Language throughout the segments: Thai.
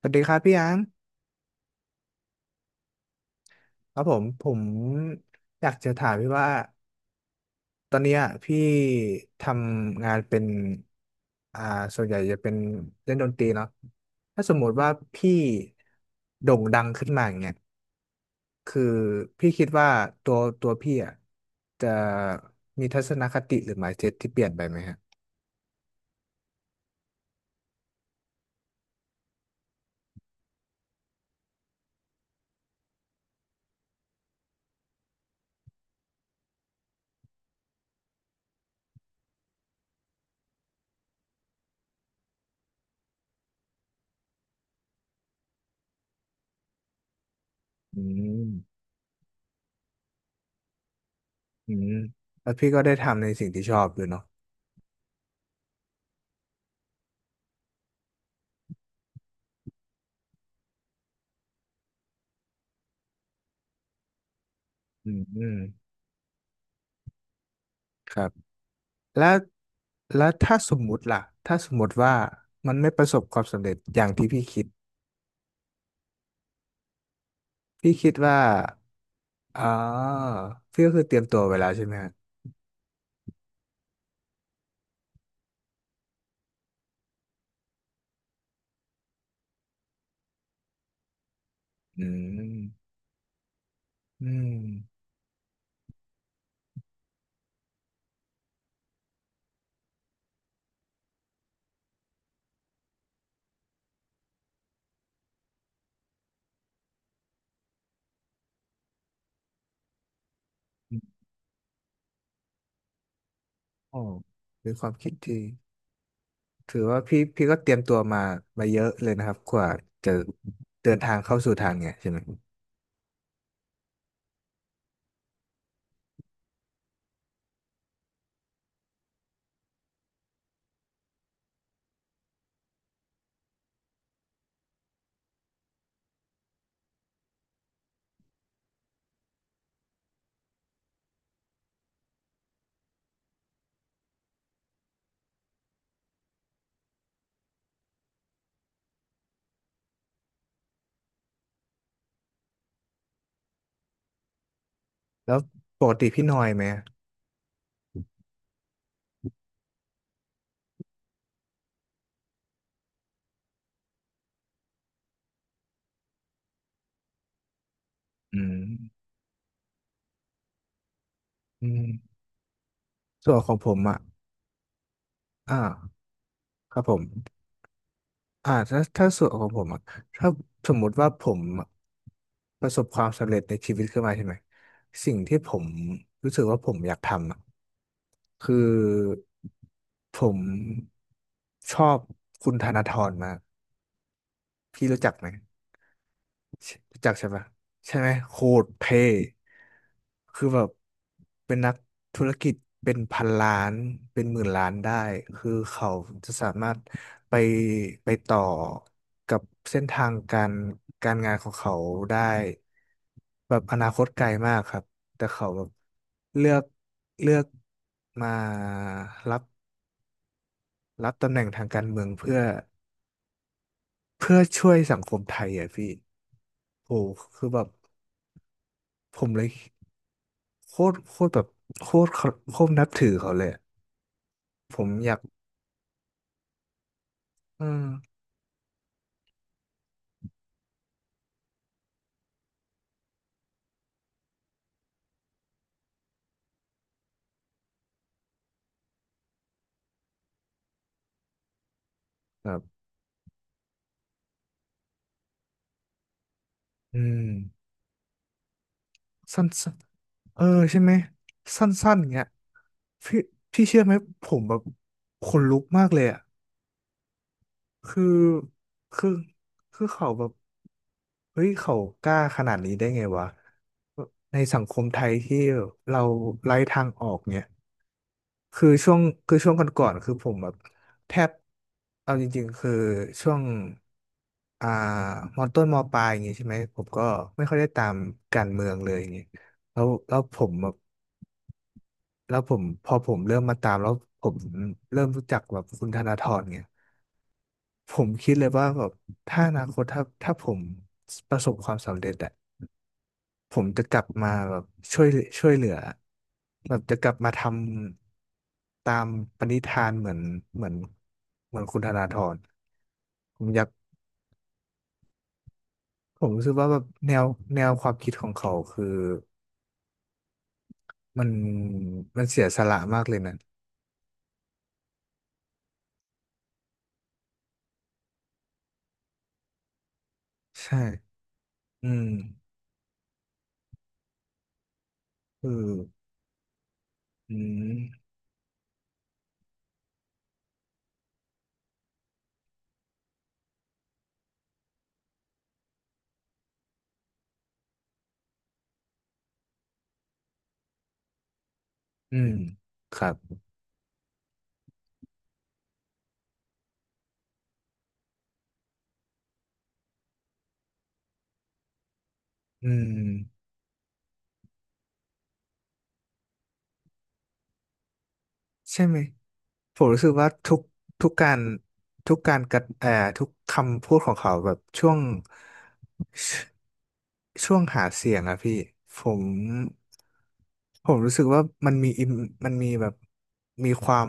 สวัสดีครับพี่ยังครับผมอยากจะถามพี่ว่าตอนเนี้ยพี่ทำงานเป็นอ่าส่วนใหญ่จะเป็นเล่นดนตรีเนาะถ้าสมมติว่าพี่โด่งดังขึ้นมาอย่างเงี้ยคือพี่คิดว่าตัวพี่อ่ะจะมีทัศนคติหรือ mindset ที่เปลี่ยนไปไหมฮะอืมอืมแล้วพี่ก็ได้ทำในสิ่งที่ชอบด้วยเนาะอืมครับ แล้วแล้วถ้าสมมุติล่ะถ้าสมมุติว่ามันไม่ประสบความสำเร็จอย่างที่พี่คิดพี่คิดว่าอ๋อพี่ก็คือเตรียมตัวไว้แล้วใช่ไหมฮะอืมอืมอืมโอ้เป็นความคิดที่ถือว่าพี่ก็เตรียมตัวมาเยอะเลยนะครับกว่าจะเดินทางเข้าสู่ทางเนี่ยใช่ไหมแล้วปกติพี่นอยไหมอะอืมอืมส่วนของผมอ่ะอ่าครับผม อ่าถ้าส่วนของผมอะถ้าสมมุติว่าผมประสบความสำเร็จในชีวิตขึ้นมาใช่ไหมสิ่งที่ผมรู้สึกว่าผมอยากทำอะคือผมชอบคุณธนาธรมากพี่รู้จักไหม ใช่รู้จักใช่ไหมใช่ไหมโคตรเท่คือแบบเป็นนักธุรกิจเป็นพันล้านเป็นหมื่นล้านได้คือเขาจะสามารถไปต่อกับเส้นทางการงานของเขาได้แบบอนาคตไกลมากครับแต่เขาแบบเลือกเลือกมารับรับตำแหน่งทางการเมืองเพื่อช่วยสังคมไทยอ่ะพี่โอ้คือแบบผมเลย โคตรโคตรแบบโคตรเขาโคตรนับถือเขาเลยอะผมอยากเออแบบอืมสั้นสั้นเออใช่ไหมสั้นๆอย่างเงี้ยพี่พี่เชื่อไหมผมแบบขนลุกมากเลยอ่ะคือคือคือเขาแบบเฮ้ยเขากล้าขนาดนี้ได้ไงวะในสังคมไทยที่เราไร้ทางออกเนี่ย คือช่วงคือช่วงก่อนๆคือผมแบบแทบเอาจริงๆคือช่วงอ่ามอต้นมอปลายอย่างงี้ใช่ไหมผมก็ไม่ค่อยได้ตามการเมืองเลยอย่างงี้แล้วแล้วผมแบบแล้วผมพอผมเริ่มมาตามแล้วผมเริ่มรู้จักแบบคุณธนาธรเนี่ยผมคิดเลยว่าแบบถ้าอนาคตถ้าผมประสบความสำเร็จอะ ผมจะกลับมาแบบช่วยช่วยเหลือแบบจะกลับมาทำตามปณิธานเหมือนเหมือนคุณธนาธรผมอยากผมรู้สึกว่าแบบแนวความคิดของเขาคือมันมันเสียสละมากเลยนะใช่อืมคืออืมอืมครับอืมใช่ไหมผมรู้สึกว่าทุกการทุกการกระเอ่อทุกคำพูดของเขาแบบช่วงหาเสียงอะพี่ผมผมรู้สึกว่ามันมีมมันมีแบบมีความ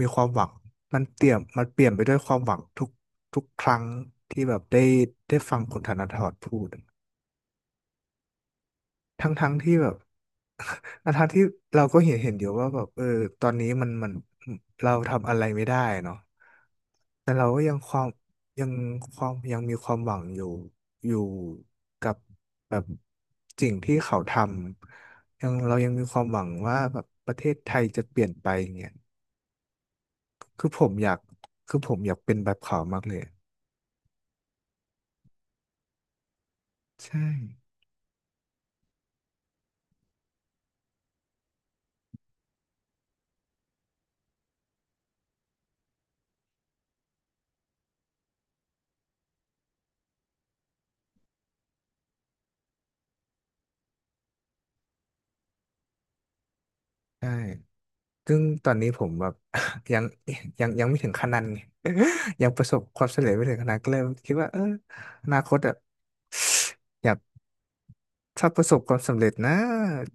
มีความหวังมันเตี่ยมมันเปลี่ยนไปด้วยความหวังทุกครั้งที่แบบได้ฟังคุณธนาธรพูด ทั้งที่แบบ ทั้งที่เราก็เห็นอยู่ว่าแบบเออตอนนี้มันเราทำอะไรไม่ได้เนาะแต่เราก็ยังยังมีความหวังอยู่อยู่กับแบบสิ่งที่เขาทำยังเรายังมีความหวังว่าแบบประเทศไทยจะเปลี่ยนไปอย่างเงี้ยคือผมอยากคือผมอยากเป็นแบบเขามากเลยใช่ใช่ ซึ่งตอนนี้ผมแบบ ยังยังไม่ถึงขนาดนั้นไง ยังประสบความสำเร็จไม่ถึงขนาดนั้นก็เลยคิดว่าเอออนาคตอะอยากถ้าประสบความสำเร็จนะ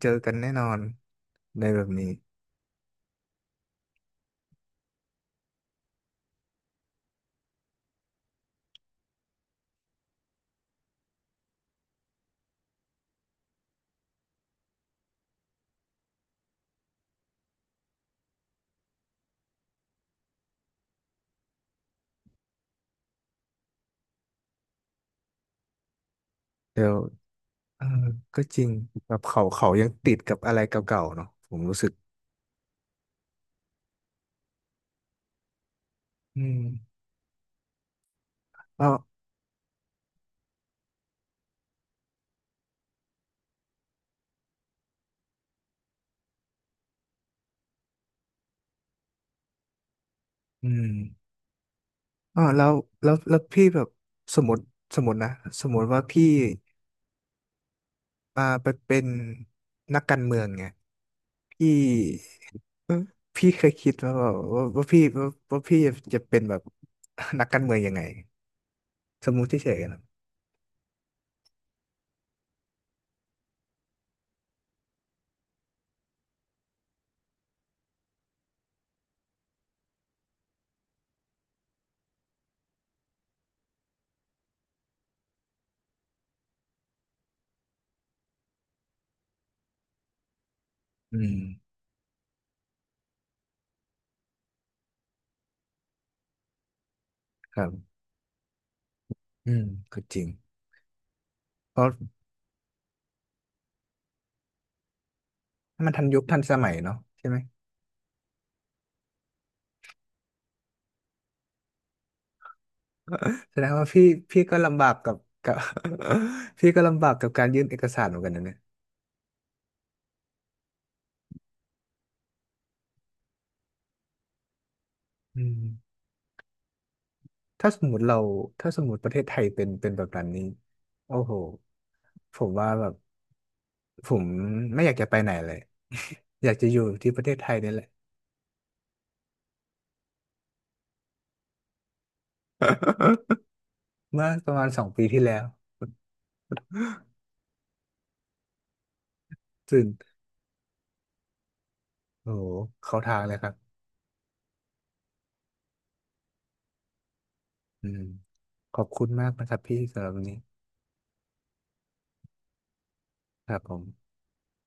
เจอกันแน่นอนในแบบนี้เดี๋ยวเออก็จริงแบบเขายังติดกับอะไรเก่าๆเนาะผมรู้สึกอืมอ๋ออืมอ๋อแล้วพี่แบบสมมติสมมตินะสมมติว่าพี่มาไปเป็นนักการเมืองไงพี่ เออพี่เคยคิดว่าแบบว่าพี่จะเป็นแบบ นักการเมืองยังไงสมมุติเฉยๆนะอืมครับอืมก็จริงเพราะมันทันยุคทันสมัยเนาะใช่ไหมแสดงว่าพี่ก็ลำบากกับกับ พี่ก็ลำบากกับการยื่นเอกสารเหมือนกันนะเนี่ยอืมถ้าสมมติเราถ้าสมมติประเทศไทยเป็นแบบนั้นนี้โอ้โหผมว่าแบบผมไม่อยากจะไปไหนเลย อยากจะอยู่ที่ประเทศไทยนี่แหละ เมื่อประมาณ2 ปีที่แล้วตื่น โอ้โหเข้าทางเลยครับอืมขอบคุณมากนะครับพี่สำหรับวันนี้ครับผม